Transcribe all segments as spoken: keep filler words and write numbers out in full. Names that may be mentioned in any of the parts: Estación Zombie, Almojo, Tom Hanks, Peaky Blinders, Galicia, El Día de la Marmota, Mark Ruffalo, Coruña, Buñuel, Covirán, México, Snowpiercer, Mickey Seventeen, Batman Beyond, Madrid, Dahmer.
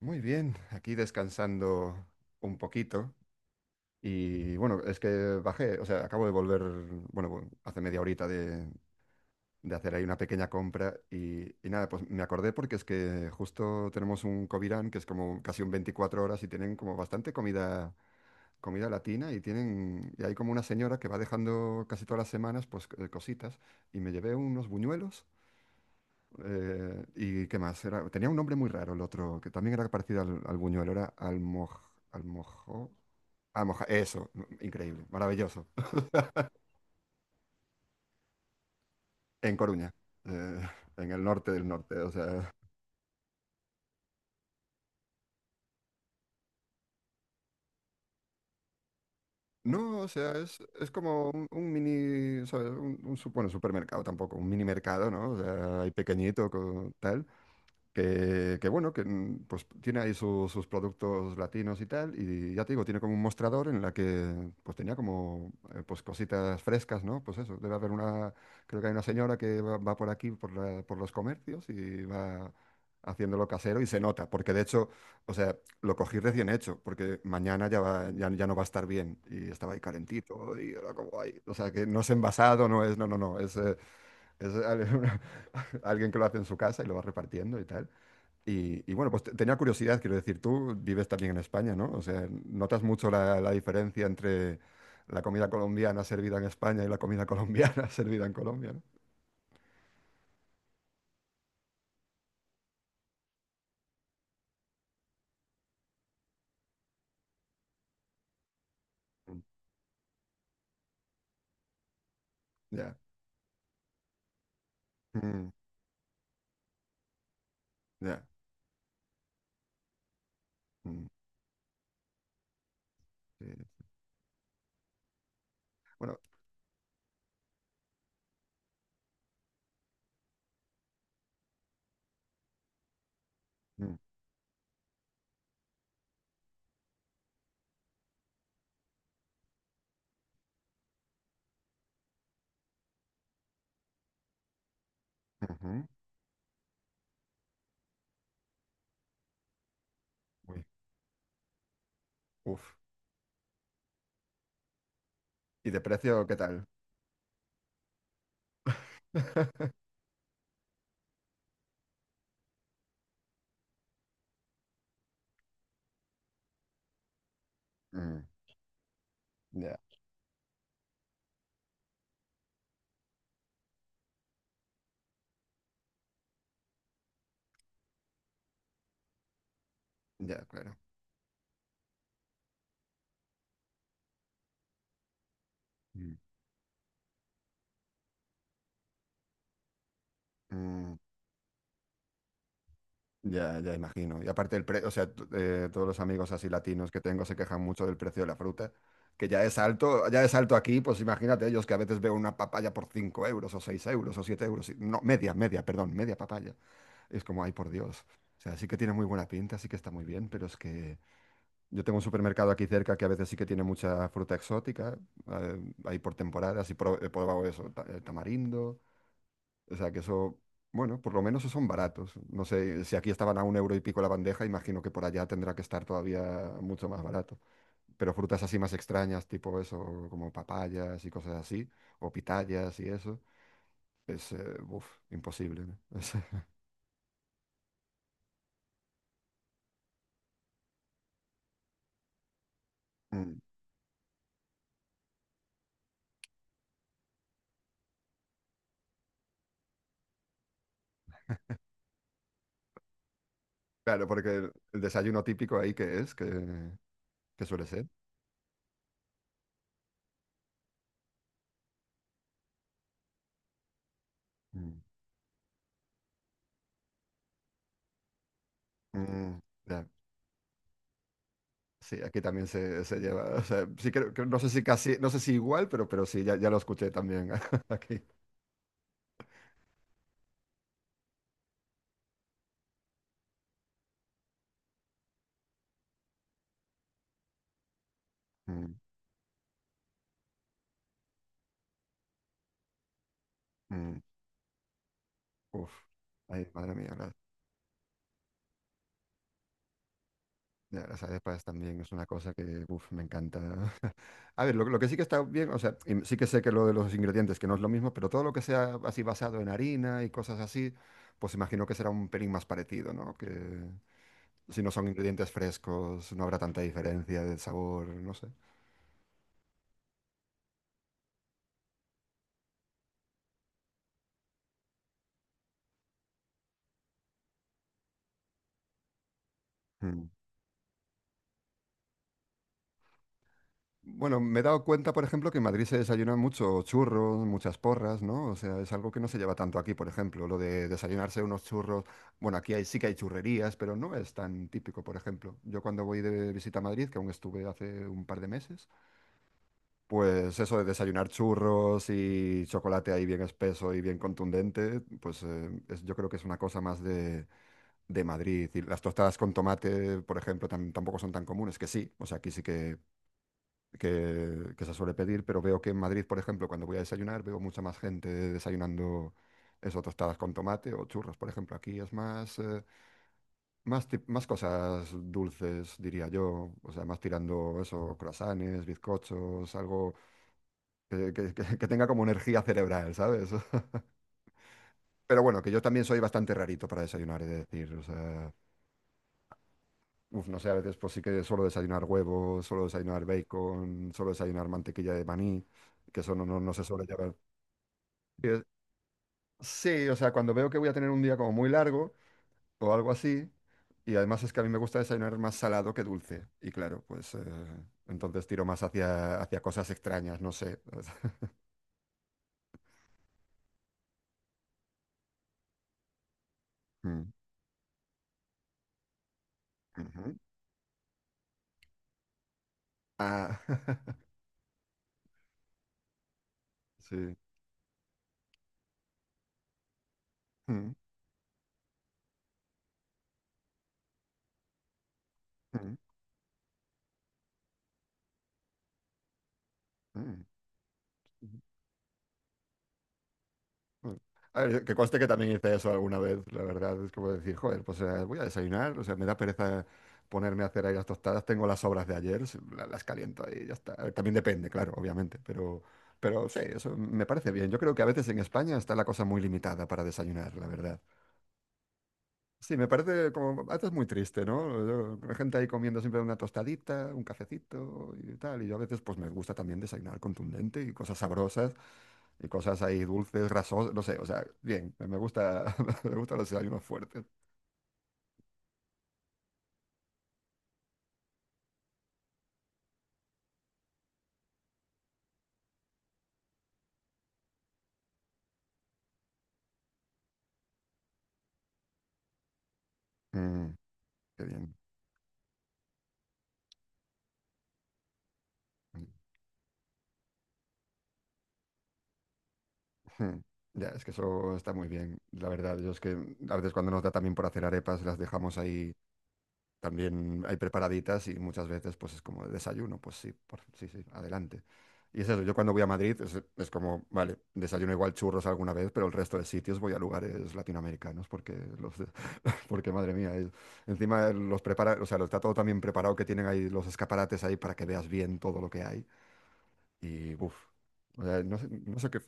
Muy bien, aquí descansando un poquito. Y bueno, es que bajé, o sea, acabo de volver, bueno, bu- hace media horita de, de hacer ahí una pequeña compra y, y nada, pues me acordé porque es que justo tenemos un Covirán que es como casi un veinticuatro horas y tienen como bastante comida, comida latina y tienen, y hay como una señora que va dejando casi todas las semanas, pues eh, cositas y me llevé unos buñuelos. Eh, ¿y qué más? Era, tenía un nombre muy raro el otro, que también era parecido al, al Buñuel. Era Almoj, Almojo, Almoja, eso, no, increíble, maravilloso. En Coruña, eh, en el norte del norte, o sea... No, o sea, es, es como un, un mini, ¿sabes? Un, un su- bueno, supermercado tampoco, un mini mercado, ¿no? O sea, ahí pequeñito, con, tal. que, que bueno, que mm, pues tiene ahí su- sus productos latinos y tal, y ya te digo, tiene como un mostrador en la que pues tenía como eh, pues cositas frescas, ¿no? Pues eso, debe haber una, creo que hay una señora que va, va por aquí, por la- por los comercios y va haciéndolo casero y se nota, porque de hecho, o sea, lo cogí recién hecho, porque mañana ya va- ya, ya no va a estar bien y estaba ahí calentito y era como ahí, o sea, que no es envasado, no es, no, no, no, es, eh, es al- alguien que lo hace en su casa y lo va repartiendo y tal. Y, y bueno, pues te- tenía curiosidad, quiero decir, tú vives también en España, ¿no? O sea, ¿notas mucho la, la diferencia entre la comida colombiana servida en España y la comida colombiana servida en Colombia, ¿no? Mm. Ya. Mm, ya. Mm, sí. Bueno, mm, ujú. Uy, uf. ¿Y de precio qué tal? Mm, ya, ya, claro. Mm. Mm, ya, ya imagino. Y aparte el precio, o sea, t- eh, todos los amigos así latinos que tengo se quejan mucho del precio de la fruta, que ya es alto, ya es alto aquí, pues imagínate ellos que a veces veo una papaya por cinco euros o seis euros o siete euros. y- No, media, media, perdón, media papaya. Es como, ay, por Dios. O sea, sí que tiene muy buena pinta, sí que está muy bien, pero es que yo tengo un supermercado aquí cerca que a veces sí que tiene mucha fruta exótica, eh, ahí por temporadas y pro- he probado eso, ta- el tamarindo. O sea que eso, bueno, por lo menos esos son baratos. No sé, si aquí estaban a un euro y pico la bandeja, imagino que por allá tendrá que estar todavía mucho más barato. Pero frutas así más extrañas, tipo eso, como papayas y cosas así, o pitayas y eso, es, eh, uf, imposible, ¿no? Es, mm. Claro, porque el el desayuno típico ahí que es, que, que suele ser. Mm. Mm, ya. Sí, aquí también se, se lleva. O sea, sí creo que no sé si casi, no sé si igual, pero, pero sí, ya, ya lo escuché también aquí. Mm, mm. Uf, ay, madre mía, la- la- las arepas también es una cosa que, uf, me encanta. A ver, lo, lo que sí que está bien, o sea, y sí que sé que lo de los ingredientes, que no es lo mismo, pero todo lo que sea así basado en harina y cosas así, pues imagino que será un pelín más parecido, ¿no? Que si no son ingredientes frescos, no habrá tanta diferencia de sabor, no sé. Mm. Bueno, me he dado cuenta, por ejemplo, que en Madrid se desayunan mucho churros, muchas porras, ¿no? O sea, es algo que no se lleva tanto aquí, por ejemplo, lo de desayunarse unos churros. Bueno, aquí hay, sí que hay churrerías, pero no es tan típico, por ejemplo. Yo cuando voy de visita a Madrid, que aún estuve hace un par de meses, pues eso de desayunar churros y chocolate ahí bien espeso y bien contundente, pues eh, es- yo creo que es una cosa más de, de Madrid. Y las tostadas con tomate, por ejemplo, tam- tampoco son tan comunes, que sí, o sea, aquí sí que que, que se suele pedir, pero veo que en Madrid, por ejemplo, cuando voy a desayunar, veo mucha más gente desayunando eso, tostadas con tomate o churros, por ejemplo. Aquí es más, eh, más, tip- más cosas dulces, diría yo, o sea, más tirando eso, croissants, bizcochos, algo que, que- que- que tenga como energía cerebral, ¿sabes? Pero bueno, que yo también soy bastante rarito para desayunar, he de decir, o sea... Uf, no sé, a veces pues sí que suelo desayunar huevos, suelo desayunar bacon, suelo desayunar mantequilla de maní, que eso no, no no se suele llevar. Sí. Sí, o sea, cuando veo que voy a tener un día como muy largo o algo así, y además es que a mí me gusta desayunar más salado que dulce, y claro, pues eh, entonces tiro más hacia, hacia cosas extrañas, no sé. Mm, ujú. Ah, sí. Mm, mm, mm. Mm. Mm. A ver, que conste que también hice eso alguna vez, la verdad, es como decir, joder, pues eh, voy a desayunar, o sea, me da pereza ponerme a hacer ahí las tostadas, tengo las sobras de ayer, se- la- las caliento ahí y ya está. A ver, también depende, claro, obviamente, pero, pero sí, eso me parece bien. Yo creo que a veces en España está la cosa muy limitada para desayunar, la verdad. Sí, me parece como, esto es muy triste, ¿no? Yo- la gente ahí comiendo siempre una tostadita, un cafecito y tal, y yo a veces pues me gusta también desayunar contundente y cosas sabrosas y cosas ahí dulces, grasosas, no sé, o sea, bien, me gusta, me gustan los desayunos fuertes. Mm, qué bien. Mm. Ya, es que eso está muy bien, la verdad. Yo es que a veces cuando nos da también por hacer arepas, las dejamos ahí. También hay preparaditas y muchas veces pues es como de desayuno, pues sí, por- sí, sí, adelante. Y es eso, yo cuando voy a Madrid es, es como, vale, desayuno igual churros alguna vez, pero el resto de sitios voy a lugares latinoamericanos porque, los, de- porque madre mía, es- encima los prepara, o sea, lo está todo también preparado que tienen ahí los escaparates ahí para que veas bien todo lo que hay. Y, uff, no sé, no sé qué...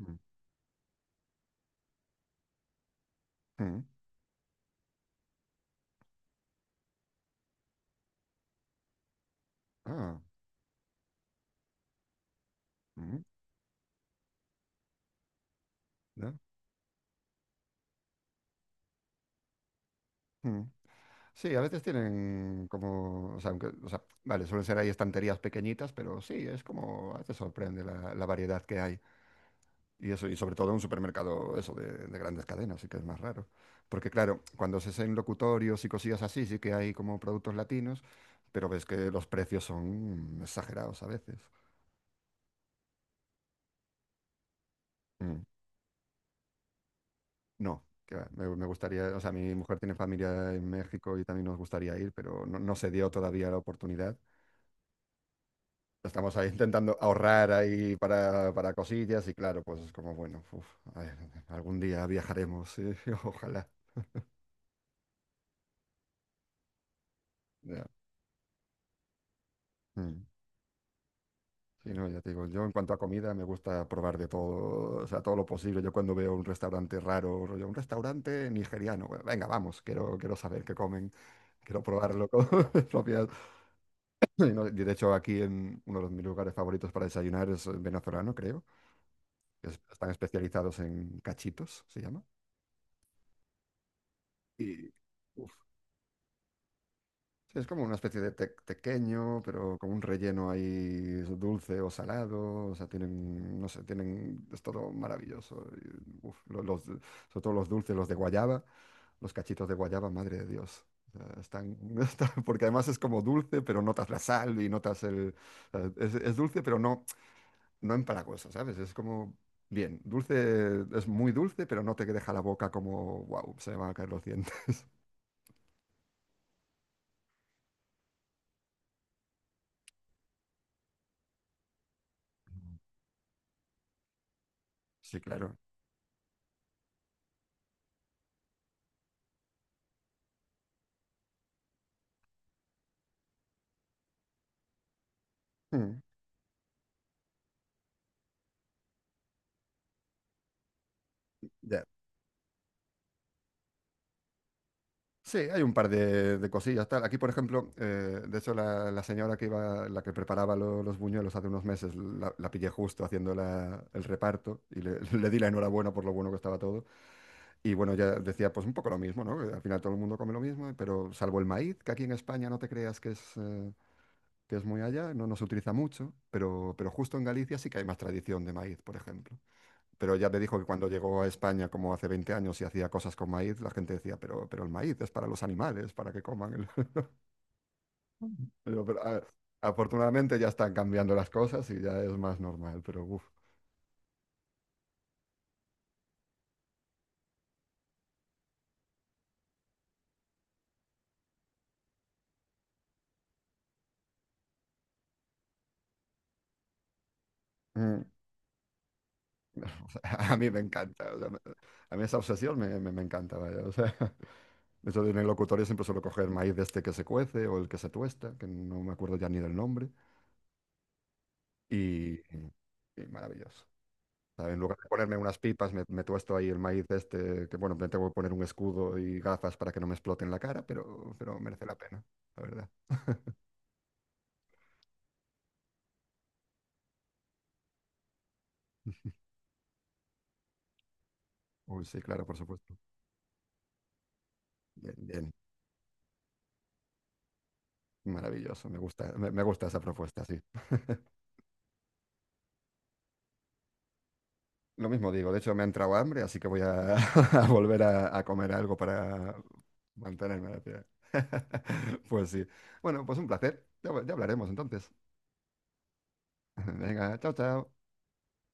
Mm, mm. Ah, mm, ¿no? Sí, a veces tienen como, o sea, aunque, o sea, vale, suelen ser ahí estanterías pequeñitas, pero sí, es como, a veces sorprende la, la variedad que hay. Y eso, y sobre todo en un supermercado, eso, de, de grandes cadenas, sí que es más raro. Porque claro, cuando se hacen locutorios y cosillas así, sí que hay como productos latinos, pero ves que los precios son exagerados a veces. Mm. No, que va, me, me gustaría, o sea, mi mujer tiene familia en México y también nos gustaría ir, pero no, no se dio todavía la oportunidad. Estamos ahí intentando ahorrar ahí para, para cosillas y claro, pues es como, bueno, uf, a ver, algún día viajaremos, sí, ojalá. Ya. Mm. Sí, no, ya te digo, yo en cuanto a comida me, gusta probar de todo, o sea, todo lo posible. Yo cuando veo un restaurante raro, rollo, un restaurante nigeriano, bueno, venga, vamos, quiero, quiero saber qué comen, quiero probarlo con mis propias. Y no, y de hecho, aquí en uno de mis lugares favoritos para desayunar es eh, venezolano, creo. Que es- están especializados en cachitos, se llama. Y, uf, sí, es como una especie de te- tequeño, pero con un relleno ahí dulce o salado. O sea, tienen, no sé, tienen, es todo maravilloso. Y, uf, lo- los, sobre todo los dulces, los de guayaba, los cachitos de guayaba, madre de Dios. O sea, están, están- porque además es como dulce, pero notas la sal y notas el... o sea, es, es dulce, pero no, no empalagosa, ¿sabes? Es como, bien, dulce, es muy dulce, pero no te deja la boca como, wow, se me van a caer los dientes. Sí, claro. Mm, ya. Sí, hay un par de, de cosillas, tal. Aquí, por ejemplo, eh, de hecho, la, la señora que iba, la que preparaba lo- los buñuelos hace unos meses, la, la pillé justo haciendo la- el reparto y le, le di la enhorabuena por lo bueno que estaba todo. Y bueno, ya decía, pues un poco lo mismo, ¿no? Que al final todo el mundo come lo mismo, pero salvo el maíz, que aquí en España no te creas que es, eh, que es muy allá, no, no se utiliza mucho, pero, pero justo en Galicia sí que hay más tradición de maíz, por ejemplo. Pero ya te dijo que cuando llegó a España, como hace veinte años, y hacía cosas con maíz, la gente decía, pero, pero el maíz es para los animales, para que coman. El-". Pero, pero, a- afortunadamente ya están cambiando las cosas y ya es más normal, pero uf. Mm. O sea, a mí me encanta, o sea, me- a mí esa obsesión me, me, me encanta, vaya, o sea, eso de en el locutorio siempre suelo coger maíz de este que se cuece o el que se tuesta, que no me acuerdo ya ni del nombre, y, y maravilloso. sea, En lugar de ponerme unas pipas, me, me tuesto ahí el maíz este, que bueno, me tengo que poner un escudo y gafas para que no me exploten la cara, pero, pero merece la pena, la verdad. Uy, sí, claro, por supuesto. Bien, bien, maravilloso, me gusta, me, me gusta esa propuesta, sí. Lo mismo digo, de hecho me ha entrado hambre, así que voy a, a volver a, a comer algo para mantenerme a la pie. Pues sí. Bueno, pues un placer. ya ya hablaremos entonces. Venga, chao, chao.